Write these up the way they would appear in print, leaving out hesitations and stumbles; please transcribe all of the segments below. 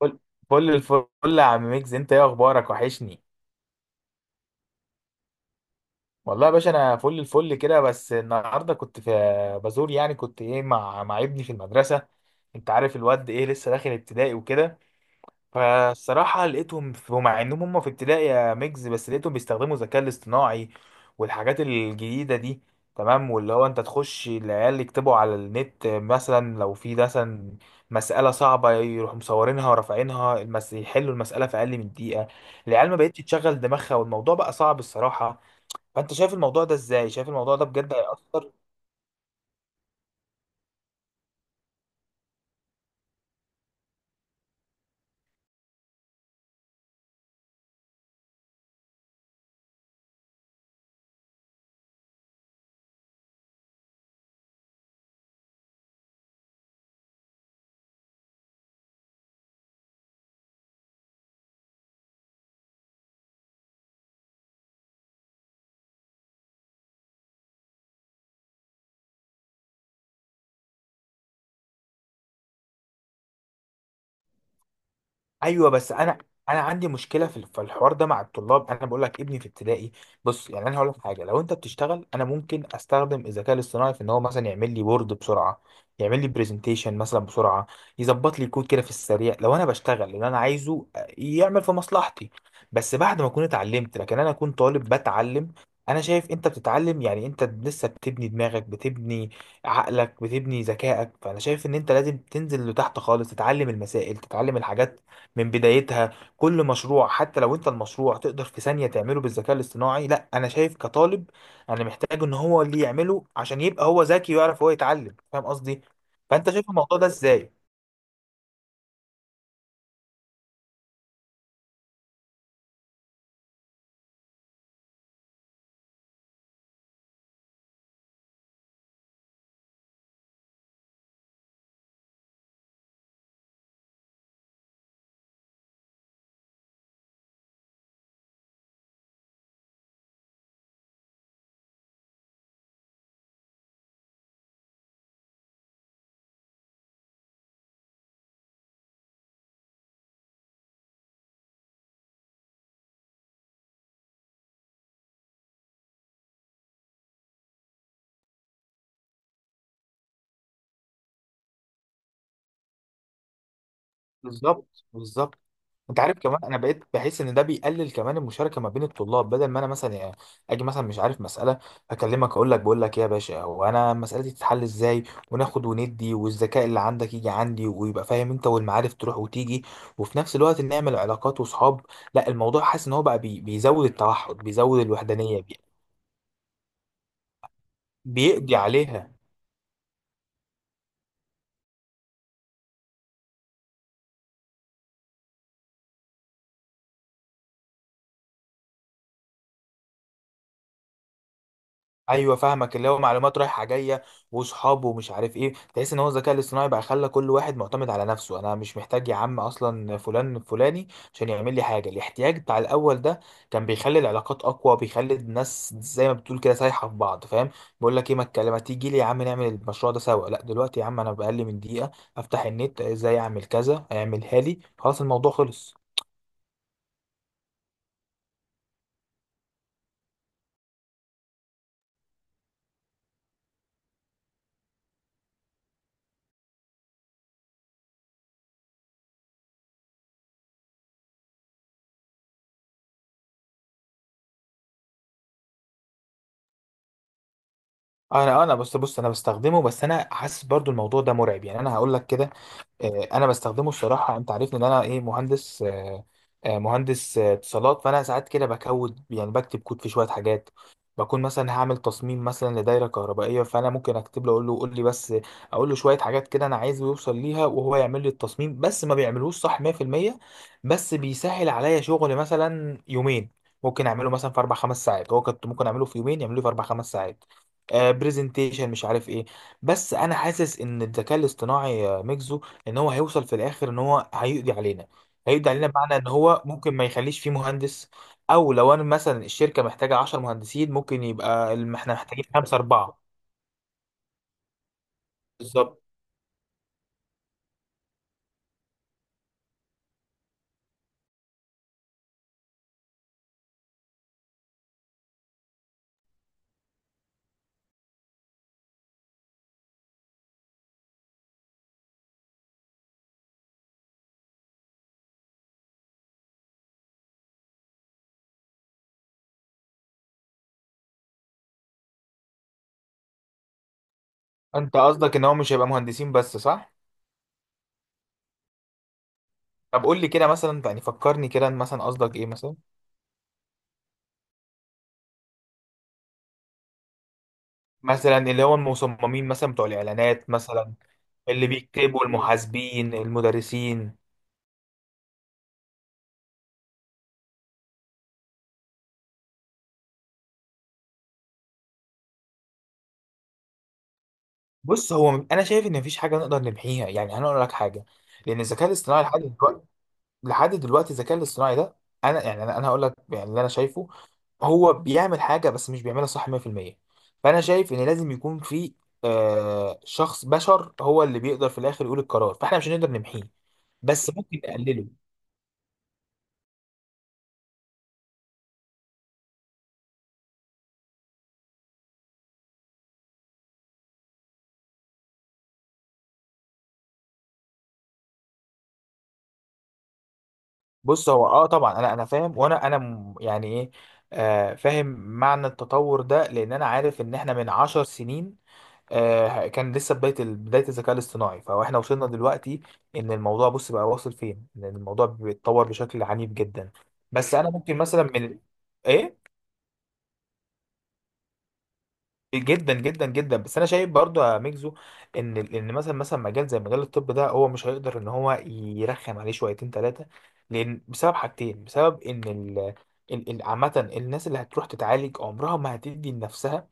فل فل الفل. يا عم ميكس، انت ايه اخبارك؟ وحشني. والله يا باشا، انا فل الفل كده. بس النهارده كنت في بزور، يعني كنت ايه مع ابني في المدرسه. انت عارف الواد ايه، لسه داخل ابتدائي وكده. فالصراحة لقيتهم ومع انهم هم في ابتدائي يا ميجز، بس لقيتهم بيستخدموا الذكاء الاصطناعي والحاجات الجديدة دي. تمام، واللي هو انت تخش العيال يكتبوا على النت مثلا، لو في مثلا مسألة صعبة يروحوا مصورينها ورافعينها يحلوا المسألة في أقل من دقيقة. العيال ما بقتش تشغل دماغها، والموضوع بقى صعب الصراحة. فأنت شايف الموضوع ده ازاي؟ شايف الموضوع ده بجد هيأثر؟ ايوه، بس انا عندي مشكله في الحوار ده مع الطلاب. انا بقول لك، ابني في ابتدائي. بص، يعني انا هقول لك حاجه. لو انت بتشتغل، انا ممكن استخدم الذكاء الاصطناعي في ان هو مثلا يعمل لي وورد بسرعه. يعمل لي برزنتيشن مثلا بسرعه. يظبط لي كود كده في السريع. لو انا بشتغل اللي انا عايزه، يعمل في مصلحتي. بس بعد ما اكون اتعلمت. لكن انا اكون طالب بتعلم. انا شايف انت بتتعلم، يعني انت لسه بتبني دماغك، بتبني عقلك، بتبني ذكائك. فانا شايف ان انت لازم تنزل لتحت خالص، تتعلم المسائل، تتعلم الحاجات من بدايتها. كل مشروع، حتى لو انت المشروع تقدر في ثانية تعمله بالذكاء الاصطناعي، لا، انا شايف كطالب انا محتاج ان هو اللي يعمله، عشان يبقى هو ذكي ويعرف هو يتعلم. فاهم قصدي؟ فانت شايف الموضوع ده ازاي؟ بالظبط، بالظبط. انت عارف كمان، انا بقيت بحس ان ده بيقلل كمان المشاركه ما بين الطلاب. بدل ما انا مثلا يعني اجي مثلا مش عارف مساله، اكلمك اقول لك، بقول لك ايه يا باشا، هو انا مسالتي تتحل ازاي؟ وناخد وندي، والذكاء اللي عندك يجي عندي ويبقى فاهم انت، والمعارف تروح وتيجي. وفي نفس الوقت نعمل علاقات وصحاب. لا، الموضوع حاسس ان هو بقى بيزود التوحد، بيزود الوحدانيه، بيقضي عليها. ايوه، فاهمك. اللي هو معلومات رايحه جايه واصحابه ومش عارف ايه. تحس ان هو الذكاء الاصطناعي بقى خلى كل واحد معتمد على نفسه. انا مش محتاج يا عم اصلا فلان فلاني عشان يعمل لي حاجه. الاحتياج بتاع الاول ده كان بيخلي العلاقات اقوى، بيخلي الناس زي ما بتقول كده سايحه في بعض. فاهم؟ بيقول لك ايه، ما الكلام، ما تيجي لي يا عم نعمل المشروع ده سوا. لا دلوقتي يا عم، انا باقل من دقيقه افتح النت، ازاي اعمل كذا، اعملها لي، خلاص الموضوع خلص. انا بص بص انا بستخدمه. بس انا حاسس برضو الموضوع ده مرعب يعني. انا هقول لك كده. انا بستخدمه الصراحه. انت عارفني ان انا ايه، مهندس، مهندس اتصالات. فانا ساعات كده بكود، يعني بكتب كود في شويه حاجات. بكون مثلا هعمل تصميم مثلا لدايره كهربائيه، فانا ممكن اكتب له، اقول له قول لي بس، اقول له شويه حاجات كده انا عايزه يوصل ليها وهو يعمل لي التصميم. بس ما بيعملوش صح 100%. بس بيسهل عليا شغل مثلا يومين ممكن اعمله مثلا في اربع خمس ساعات. هو كنت ممكن اعمله في يومين، يعمله في اربع خمس ساعات. برزنتيشن، مش عارف ايه. بس انا حاسس ان الذكاء الاصطناعي، ميجزو، ان هو هيوصل في الاخر ان هو هيقضي علينا. هيقضي علينا بمعنى ان هو ممكن ما يخليش فيه مهندس. او لو انا مثلا الشركه محتاجه 10 مهندسين، ممكن يبقى احنا محتاجين خمسه اربعه. بالظبط. انت قصدك ان هو مش هيبقى مهندسين بس، صح؟ طب قول لي كده مثلا، يعني فكرني كده مثلا، قصدك ايه مثلا؟ مثلا اللي هو المصممين مثلا، بتوع الاعلانات مثلا، اللي بيكتبوا، المحاسبين، المدرسين. بص هو، انا شايف ان مفيش حاجه نقدر نمحيها يعني. انا اقول لك حاجه، لان الذكاء الاصطناعي لحد دلوقتي، لحد دلوقتي الذكاء الاصطناعي ده، انا يعني أنا هقول لك يعني اللي انا شايفه. هو بيعمل حاجه، بس مش بيعملها صح 100%. فانا شايف ان لازم يكون في شخص بشر، هو اللي بيقدر في الاخر يقول القرار. فاحنا مش هنقدر نمحيه، بس ممكن نقلله. بص هو، طبعا انا فاهم، يعني ايه. فاهم معنى التطور ده، لان انا عارف ان احنا من 10 سنين، كان لسه بداية بداية الذكاء الاصطناعي. فاحنا وصلنا دلوقتي، ان الموضوع بص بقى واصل فين، ان الموضوع بيتطور بشكل عنيف جدا. بس انا ممكن مثلا من، ايه، جدا جدا جدا، بس انا شايف برضو يا ميكزو ان مثلا مجال زي مجال الطب ده، هو مش هيقدر ان هو يرخم عليه شويتين ثلاثة. لان بسبب حاجتين، بسبب ان عامة الناس اللي هتروح تتعالج عمرها ما هتدي لنفسها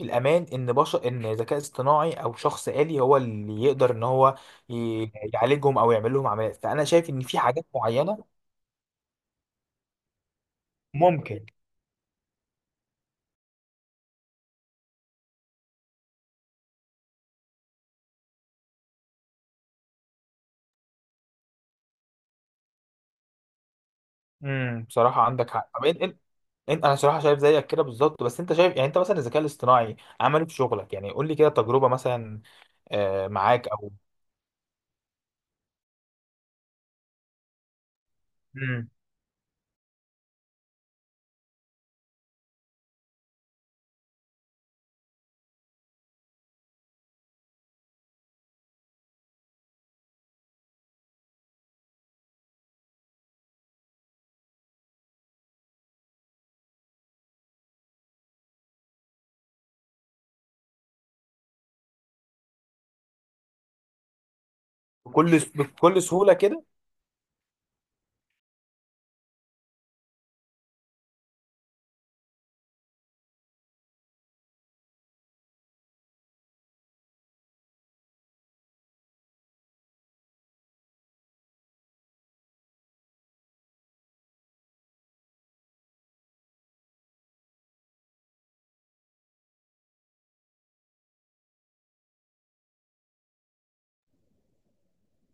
الامان ان بشر، ان ذكاء اصطناعي او شخص آلي هو اللي يقدر ان هو يعالجهم او يعمل لهم عمليات. فانا شايف ان في حاجات معينه ممكن. بصراحه عندك حق. طب انت، انا صراحه شايف زيك كده بالظبط. بس انت شايف، يعني انت مثلا الذكاء الاصطناعي عمله في شغلك يعني؟ قول لي كده تجربه مثلا معاك او. مم. بكل سهوله كده.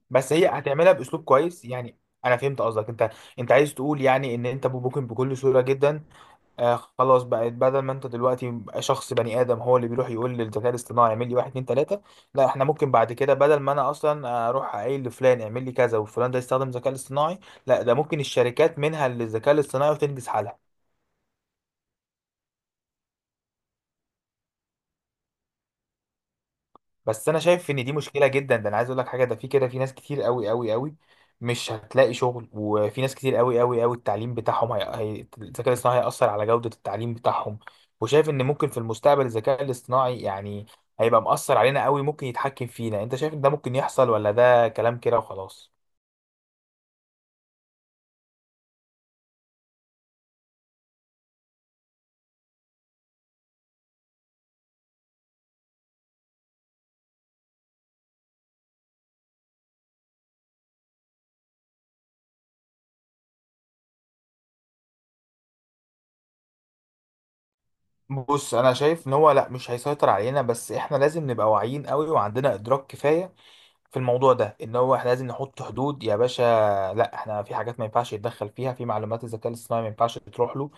بس هي هتعملها باسلوب كويس يعني. انا فهمت قصدك انت. انت عايز تقول يعني ان انت ممكن بكل سهوله جدا، خلاص، بقت بدل ما انت دلوقتي بقى شخص بني ادم هو اللي بيروح يقول للذكاء الاصطناعي اعمل لي واحد اتنين تلاته. لا، احنا ممكن بعد كده بدل ما انا اصلا اروح اقول لفلان اعمل لي كذا وفلان ده يستخدم الذكاء الاصطناعي، لا ده ممكن الشركات منها للذكاء الاصطناعي وتنجز حالها. بس انا شايف ان دي مشكله جدا. ده انا عايز اقول لك حاجه، ده في كده في ناس كتير قوي قوي قوي مش هتلاقي شغل. وفي ناس كتير قوي قوي قوي التعليم بتاعهم الذكاء الاصطناعي هيأثر على جوده التعليم بتاعهم. وشايف ان ممكن في المستقبل الذكاء الاصطناعي يعني هيبقى مأثر علينا قوي، ممكن يتحكم فينا. انت شايف ان ده ممكن يحصل، ولا ده كلام كده وخلاص؟ بص، انا شايف ان هو لا، مش هيسيطر علينا. بس احنا لازم نبقى واعيين قوي وعندنا ادراك كفايه في الموضوع ده، ان هو احنا لازم نحط حدود يا باشا. لا، احنا في حاجات ما ينفعش يتدخل فيها، في معلومات الذكاء الاصطناعي ما ينفعش تروح له.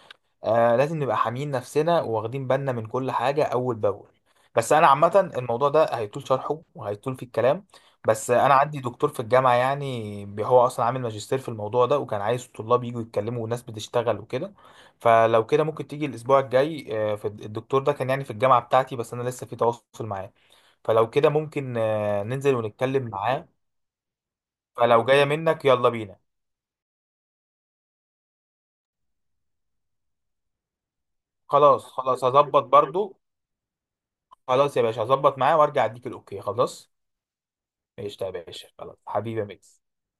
لازم نبقى حاميين نفسنا واخدين بالنا من كل حاجة اول باول. بس انا عامة الموضوع ده هيطول شرحه وهيطول في الكلام. بس انا عندي دكتور في الجامعة يعني، هو اصلا عامل ماجستير في الموضوع ده وكان عايز الطلاب يجوا يتكلموا، والناس بتشتغل وكده. فلو كده ممكن تيجي الاسبوع الجاي. في الدكتور ده كان يعني في الجامعة بتاعتي، بس انا لسه في تواصل معاه. فلو كده ممكن ننزل ونتكلم معاه. فلو جايه منك، يلا بينا. خلاص خلاص، هظبط برضو. خلاص يا باشا، هظبط معاه وارجع اديك الاوكي، خلاص. قشطه يا باشا، خلاص حبيبي يا ميكس.